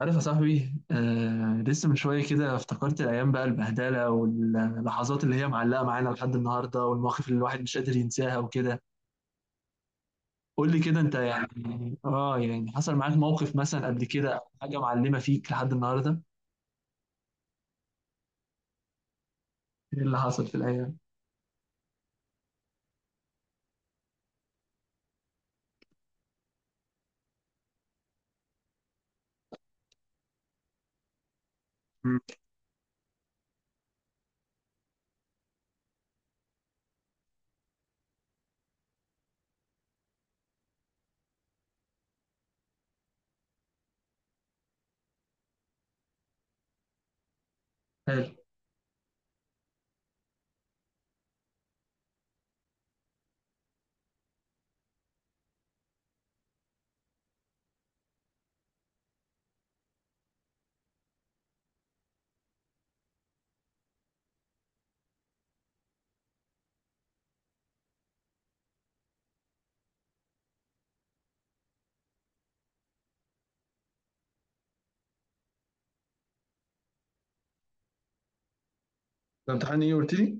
عارف يا صاحبي، لسه من شوية كده افتكرت الأيام بقى البهدلة، واللحظات اللي هي معلقة معانا لحد النهاردة، والمواقف اللي الواحد مش قادر ينساها وكده. قول لي كده، أنت يعني حصل معاك موقف مثلا قبل كده أو حاجة معلمة فيك لحد النهاردة؟ إيه اللي حصل في الأيام؟ مم. حلو. ده امتحان إيه قلت لي؟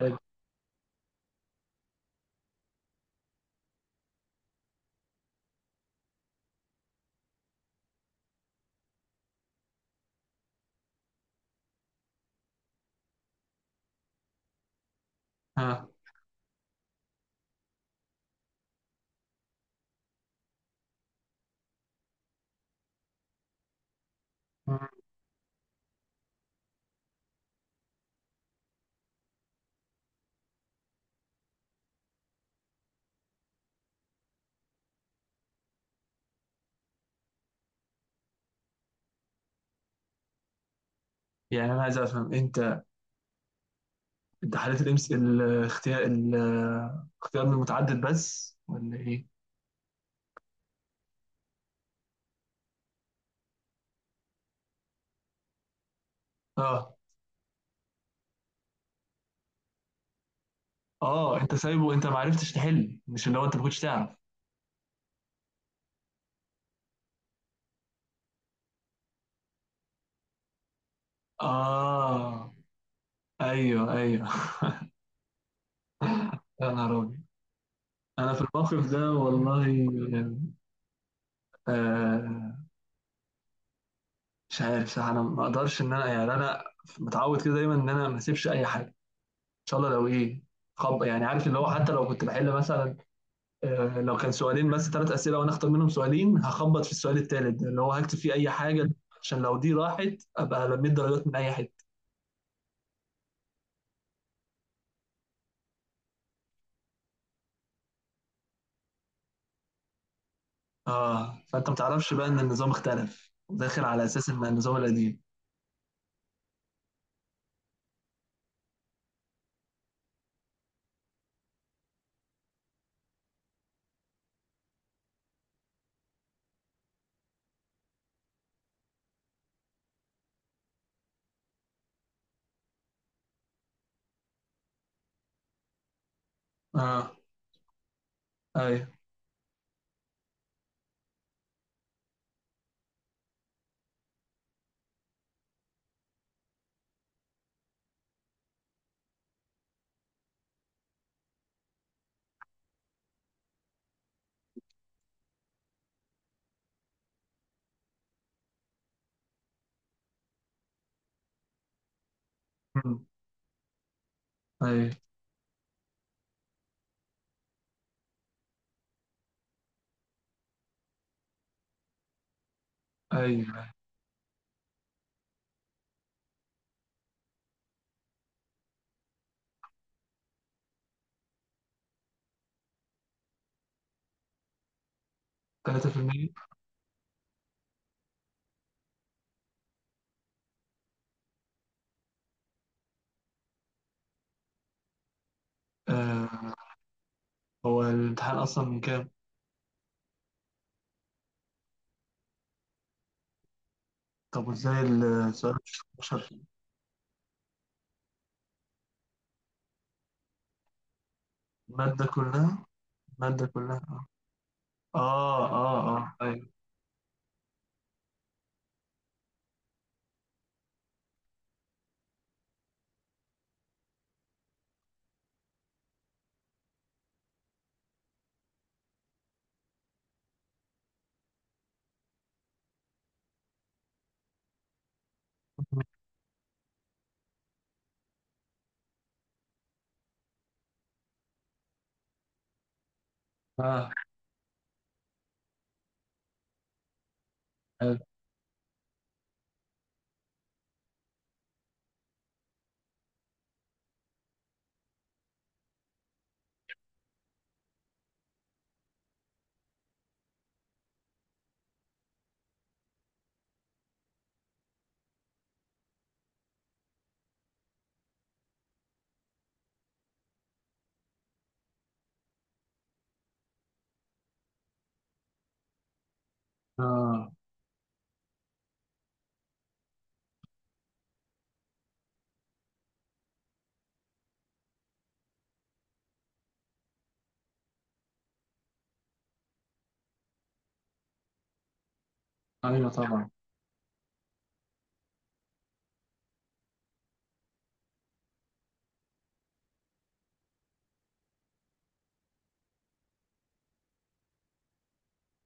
حلو. ها. مم. يعني أنا عايز أفهم أنت، امتحانات الإمس الاختيار من المتعدد بس ولا إيه؟ آه. آه، أنت سايبه؟ أنت ما عرفتش تحل؟ مش اللي هو أنت ما كنتش تعرف. آه، أيوه أيوه. يا نهار أبيض. أنا في الموقف ده والله. يعني، آه مش عارف صح. أنا ما أقدرش إن أنا متعود كده دايما إن أنا ما أسيبش أي حاجة، إن شاء الله لو إيه. خب يعني عارف اللي هو، حتى لو كنت بحل مثلا، لو كان سؤالين بس ثلاث أسئلة وأنا أختار منهم سؤالين، هخبط في السؤال الثالث ده اللي هو هكتب فيه أي حاجة، عشان لو دي راحت أبقى لميت درجات من أي حتة. فأنت ما تعرفش بقى إن النظام اختلف، داخل على أساس إن النظام القديم. آه. أيوه. أمم. ايوه ايوه. 3%. آه هو الامتحان اصلا من كام؟ طب وازاي السؤال مش 16؟ المادة كلها، المادة كلها. اه، اه، اه، اه، ايوه. اه. حلو. اه، ايوه طبعا.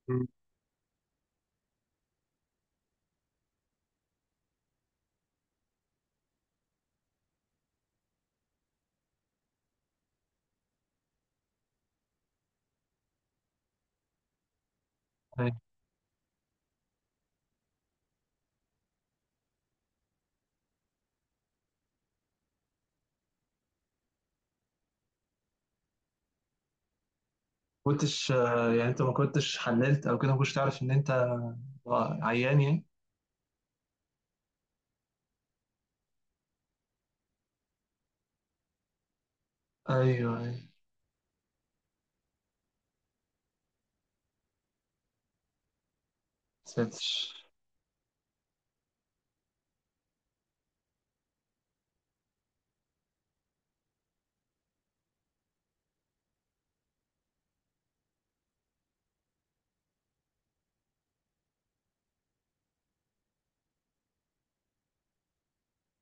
مم. ايوه. كنتش يعني، انت ما كنتش حللت او كده، ما كنتش تعرف ان انت عيان يعني؟ ايوه ايوه. ساتر.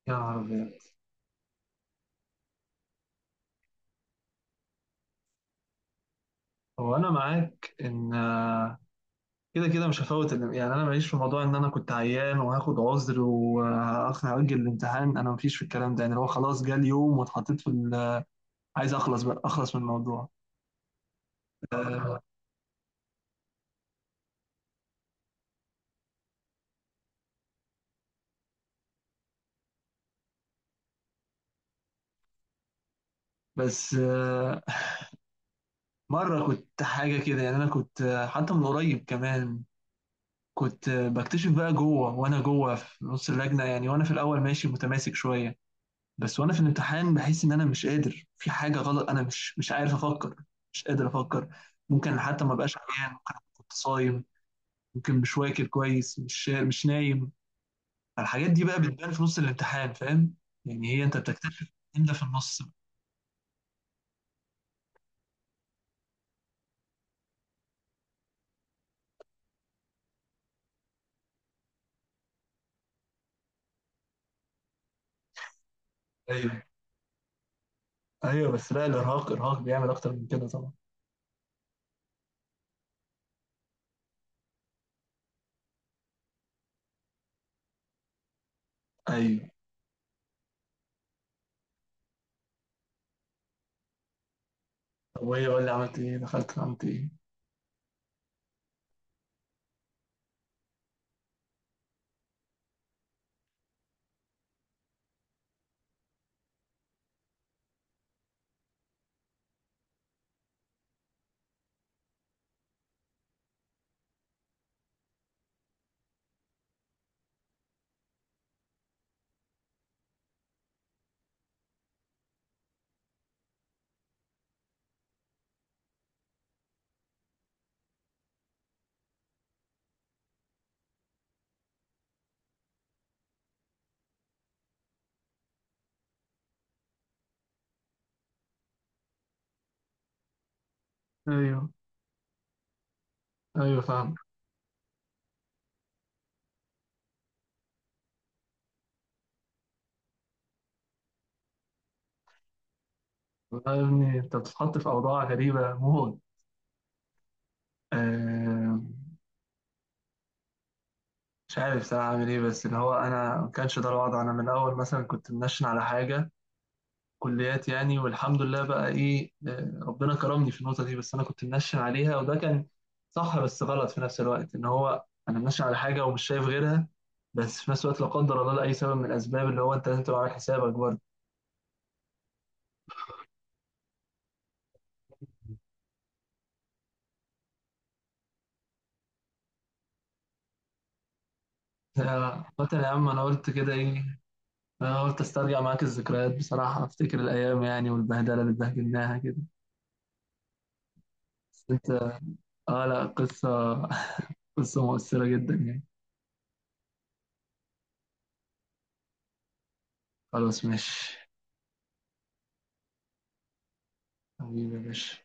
يا عربي. هو انا معاك ان كده كده مش هفوت يعني انا ماليش في موضوع ان انا كنت عيان وهاخد عذر وهاجل الامتحان. انا مفيش في الكلام ده، يعني هو خلاص جه اليوم واتحطيت في عايز اخلص بقى، اخلص من الموضوع. آه، بس آه، مره كنت حاجه كده، يعني انا كنت حتى من قريب كمان، كنت بكتشف بقى جوه، وانا جوه في نص اللجنه يعني. وانا في الاول ماشي متماسك شويه، بس وانا في الامتحان بحس ان انا مش قادر، في حاجه غلط. انا مش عارف افكر، مش قادر افكر. ممكن حتى ما بقاش عيان، ممكن كنت صايم، ممكن مش واكل كويس، مش نايم. فالحاجات دي بقى بتبان في نص الامتحان، فاهم. يعني هي انت بتكتشف ان ده في النص بقى. ايوه ايوه. بس لا، الارهاق بيعمل اكتر من كده طبعا. ايوه. طب وايه، قول لي عملت ايه؟ دخلت عملت ايه؟ ايوه ايوه فاهم. والله يا ابني انت بتتحط في اوضاع غريبه موت. آه، مش عارف صراحه اعمل ايه، بس اللي هو انا ما كانش ده الوضع. انا من الاول مثلا كنت منشن على حاجه، كليات يعني، والحمد لله بقى ايه. ربنا كرمني في النقطه دي، بس انا كنت منشن عليها وده كان صح بس غلط في نفس الوقت، ان هو انا منشن على حاجه ومش شايف غيرها. بس في نفس الوقت لا قدر الله، لاي سبب من الاسباب، اللي هو انت لازم تبقى عامل حسابك برضه. مثلا يا عم، انا قلت كده ايه؟ انا قلت استرجع معاك الذكريات بصراحه، افتكر الايام يعني، والبهدله اللي اتبهدلناها كده. بس انت، اه لا قصه. قصه مؤثره جدا يعني. خلاص ماشي. حبيبي يا باشا.